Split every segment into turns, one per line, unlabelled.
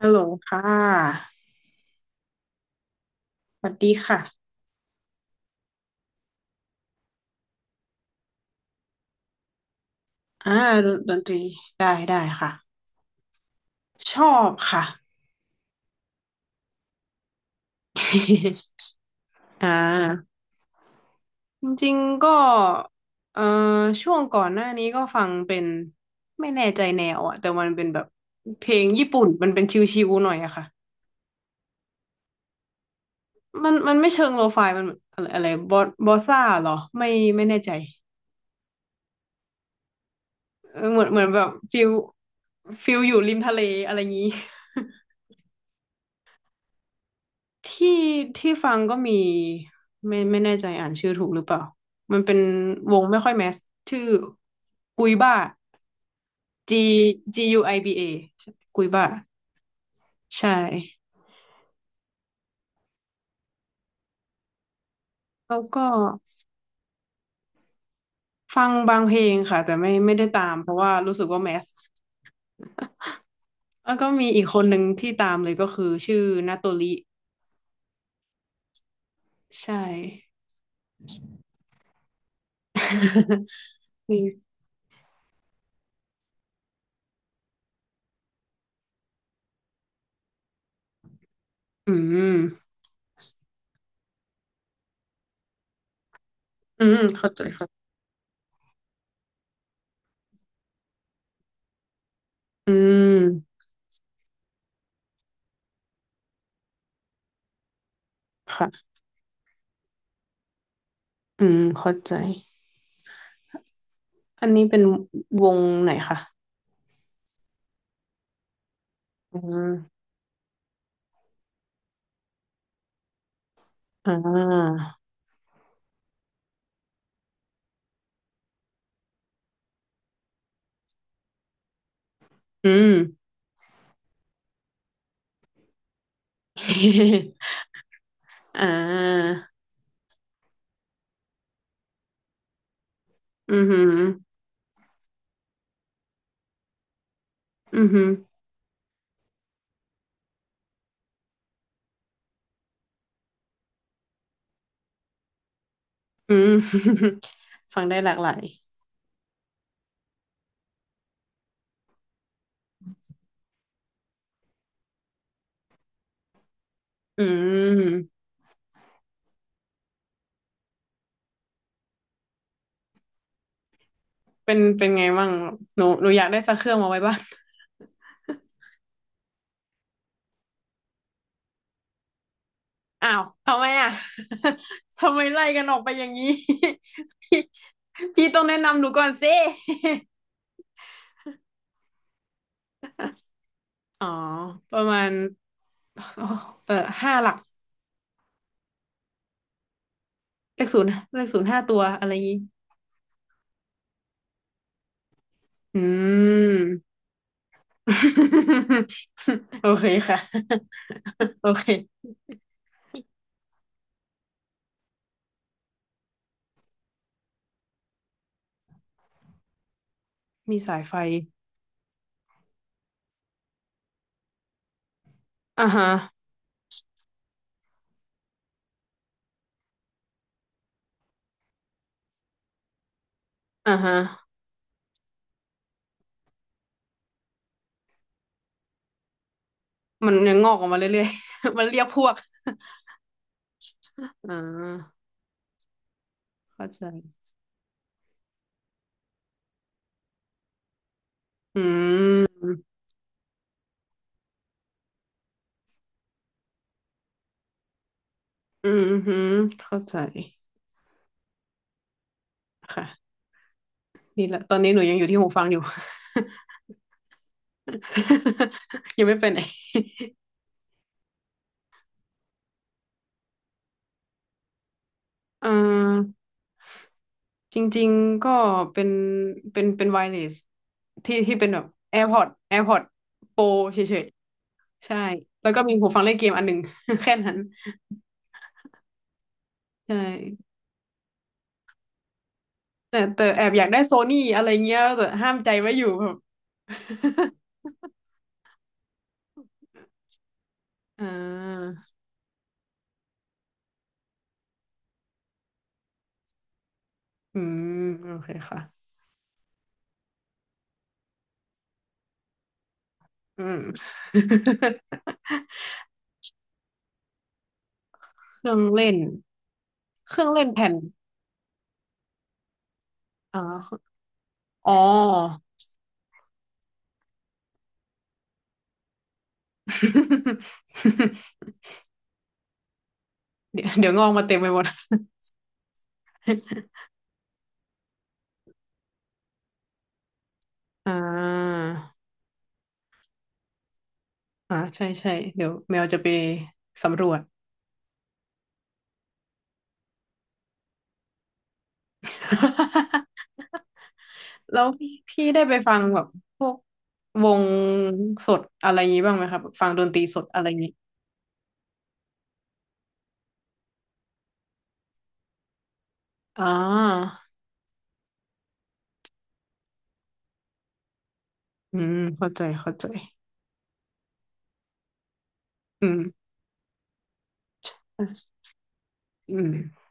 ฮัลโหลค่ะสวัสดีค่ะอ่าดนตรี ได้ค่ะ ชอบค่ะ อ่าจริงๆก็เอ่อช่วงก่อนหน้านี้ก็ฟังเป็น ไม่แน่ใจแนวอะแต่มันเป็นแบบ เพลงญี่ปุ่น มันเป็นชิวๆหน่อยอะค่ะ มันไม่เชิงโลฟายมันอะไรอะไรบอสซ่าเหรอ ไม่แน่ใจเออเหมือนแบบฟิลอยู่ริมทะเลอะไรงี้ ที่ที่ฟังก็มีไม่แน่ใจอ่านชื่อถูกหรือเปล่ามันเป็นวงไม่ค่อยแมสชื่อกุยบ้า G G U I B A กุยบ้าใช่แล้วก็ฟังบางเพลงค่ะแต่ไม่ได้ตามเพราะว่ารู้สึกว่าแมสแล้วก็มีอีกคนหนึ่งที่ตามเลยก็คือชื่อนาโตริใช่ นีอืมอืมเข้าใจค่ะอืมค่ะอืมเข้าใจอันนี้เป็นวงไหนคะ อ่าอ่าอืม อ่าอือหืออือหืออืม ฟังได้หลากหลายอืมเป็นเป็นไงบ้างหนูอยากได้สักเครื่องมาไว้บ้าน อ้าวทำไมอ่ะ ทำไมไล่กันออกไปอย่างนี้ พี่พี่ต้องแนะนำหนูก่อนสิ อ๋อประมาณเออห้าหลักเลขศูนย์เลขศูนย์ห้าตัวอะไรอย่างนี้ อืม โอเคค่ะโอเคมีสายไฟอ่าฮะอ่าฮะมันยังงอกออกมาเรื่อยๆ มันเรียกพวกอ่าเข้าใจอืมอืมอืมเข้าใจค่ะนี่แหละตอนนี้หนูยังอยู่ที่หูฟังอยู่ ยังไม่ไปไหนเออจริงๆก็เป็นเป็นไวเลสที่เป็นแบบ AirPods AirPods Pro เฉย ใช่ แล้วก็มีหูฟังเล่นเกมอันหนึ่ง แค่นั้นใช่แต่แอบอยากได้โซนี่อะไรเงี้ยแต่ห้ามใจไว้อยู่แบบ อ่าอืมโอเคค่ะอืม เครื่องเล่นเครื่องเล่นแผ่นอ่าอ๋อ เดี๋ยวงอกมาเต็มไปหมด อ่าอ่าใช่ใช่เดี๋ยวแมวจะไปสำรวจ แล้วพี่ได้ไปฟังแบบพวกวงสดอะไรอย่างงี้บ้างไหมครับแบบฟังดนตรีสดอะไรอย่างงี้อ่าอืมเข้าใจเข้าใจอืมอืม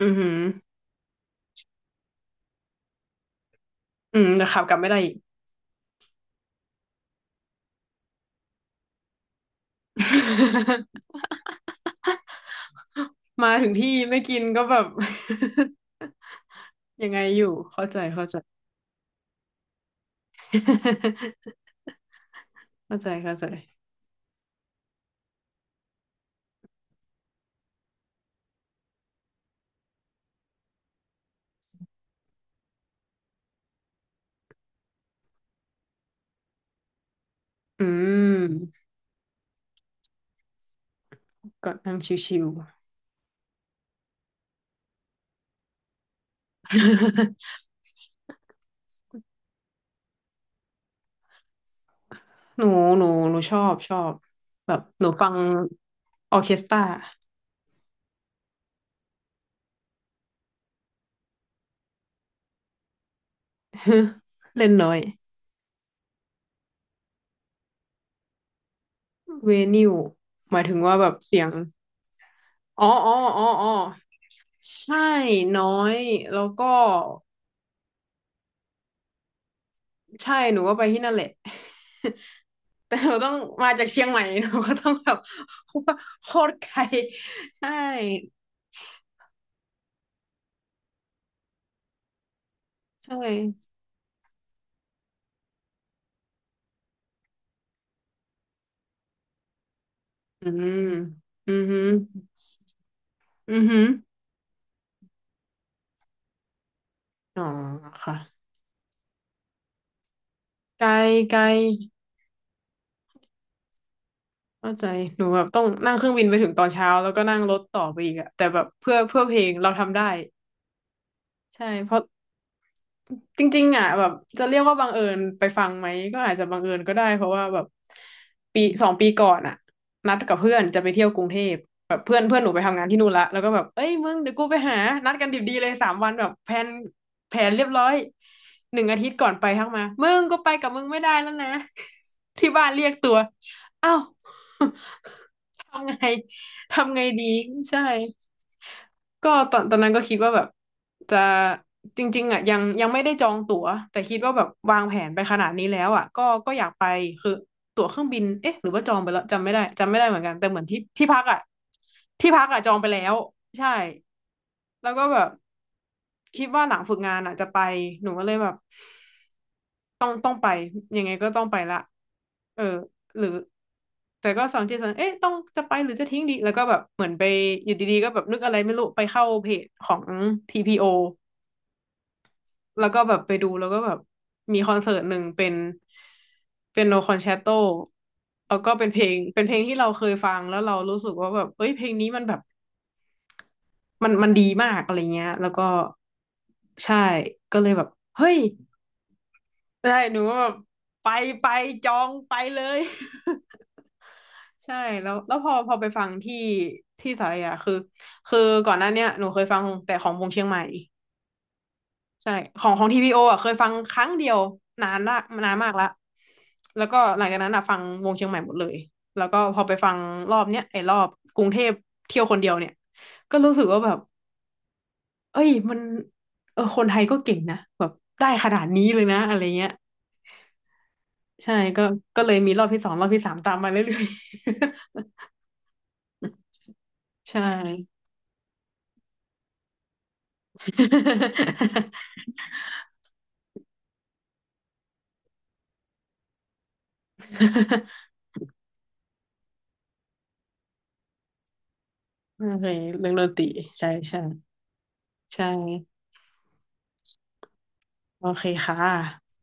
อืมอืืมแต่ขับกลับไม่ได้อีก มาถึงที่ไม่กินก็แบบ ยังไงอยู่เข้าใจเข้าใจ เข้าใจเข้าใจอืมก็นั่งชิวๆ หนูชอบแบบหนูฟังออร์เคสตรา เล่นน้อยเวนิวหมายถึงว่าแบบเสียงอ๋ออ๋ออ๋ออ๋อใช่น้อยแล้วก็ใช่หนูก็ไปที่นั่นแหละ แต่หนูต้องมาจากเชียงใหม่ หนูก็ต้องแบบ โคตรไกลใช่ใช่อืมอือหืออือหืออ๋อค่ะไกลไกลเข้าใจหนูแบบต้องนั่งเครื่องบินไปถึงตอนเช้าแล้วก็นั่งรถต่อไปอีกอะแต่แบบเพื่อเพลงเราทำได้ใช่เพราะ จริงๆอ่ะแบบจะเรียกว่าบังเอิญไปฟังไหมก็อาจจะบังเอิญก็ได้เพราะว่าแบบปีสองปีก่อนอ่ะนัดกับเพื่อนจะไปเที่ยวกรุงเทพแบบเพื่อนเพื่อนหนูไปทำงานที่นู่นละแล้วก็แบบเอ้ยมึงเดี๋ยวกูไปหานัดกันดิบดีเลยสามวันแบบแผนแผนเรียบร้อยหนึ่งอาทิตย์ก่อนไปทักมามึงก็ไปกับมึงไม่ได้แล้วนะ ที่บ้านเรียกตัวเอ้า ทำไง ทำไงดีใช่ก็ตอนนั้นก็คิดว่าแบบจะจริงๆอ่ะยังไม่ได้จองตั๋วแต่คิดว่าแบบวางแผนไปขนาดนี้แล้วอ่ะก็ก็อยากไปคือตั๋วเครื่องบินเอ๊ะหรือว่าจองไปแล้วจำไม่ได้จำไม่ได้เหมือนกันแต่เหมือนที่พักอ่ะที่พักอ่ะจองไปแล้วใช่แล้วก็แบบ คิดว่าหลังฝึกงานอ่ะจะไปหนูก็เลยแบบต้องไปยังไงก็ต้องไปละเออหรือแต่ก็สองจิตสองเอ๊ะต้องจะไปหรือจะทิ้งดีแล้วก็แบบเหมือนไปอยู่ดีๆก็แบบนึกอะไรไม่รู้ไปเข้าเพจของ TPO แล้วก็แบบไปดูแล้วก็แบบมีคอนเสิร์ตหนึ่งเป็นเป็นโนคอนแชตโตแล้วก็เป็นเพลงเป็นเพลงที่เราเคยฟังแล้วเรารู้สึกว่าแบบเอ้ยเพลงนี้มันแบบมันดีมากอะไรเงี้ยแล้วก็ใช่ก็เลยแบบเฮ้ย ใช่หนูก็แบบไปไปจองไปเลย ใช่แล้วแล้วพอไปฟังที่สารยาคือก่อนหน้าเนี้ยหนูเคยฟังแต่ของวงเชียงใหม่ใช่ของของทีพีโออ่ะเคยฟังครั้งเดียวนานละนานมากละแล้วก็หลังจากนั้นอ่ะฟังวงเชียงใหม่หมดเลยแล้วก็พอไปฟังรอบเนี้ยไอ้รอบกรุงเทพเที่ยวคนเดียวเนี่ยก็รู้สึกว่าแบบเอ้ยมันเออคนไทยก็เก่งนะแบบได้ขนาดนี้เลยนะอะไรเงี้ย ใช่ก็ก็เลยมีรอบที่สองรอบที่สามตามมาเรื่อยๆ ใช่ โอเคเรื่องดนตรีใช่ใช่ใช่โอเคค่ะ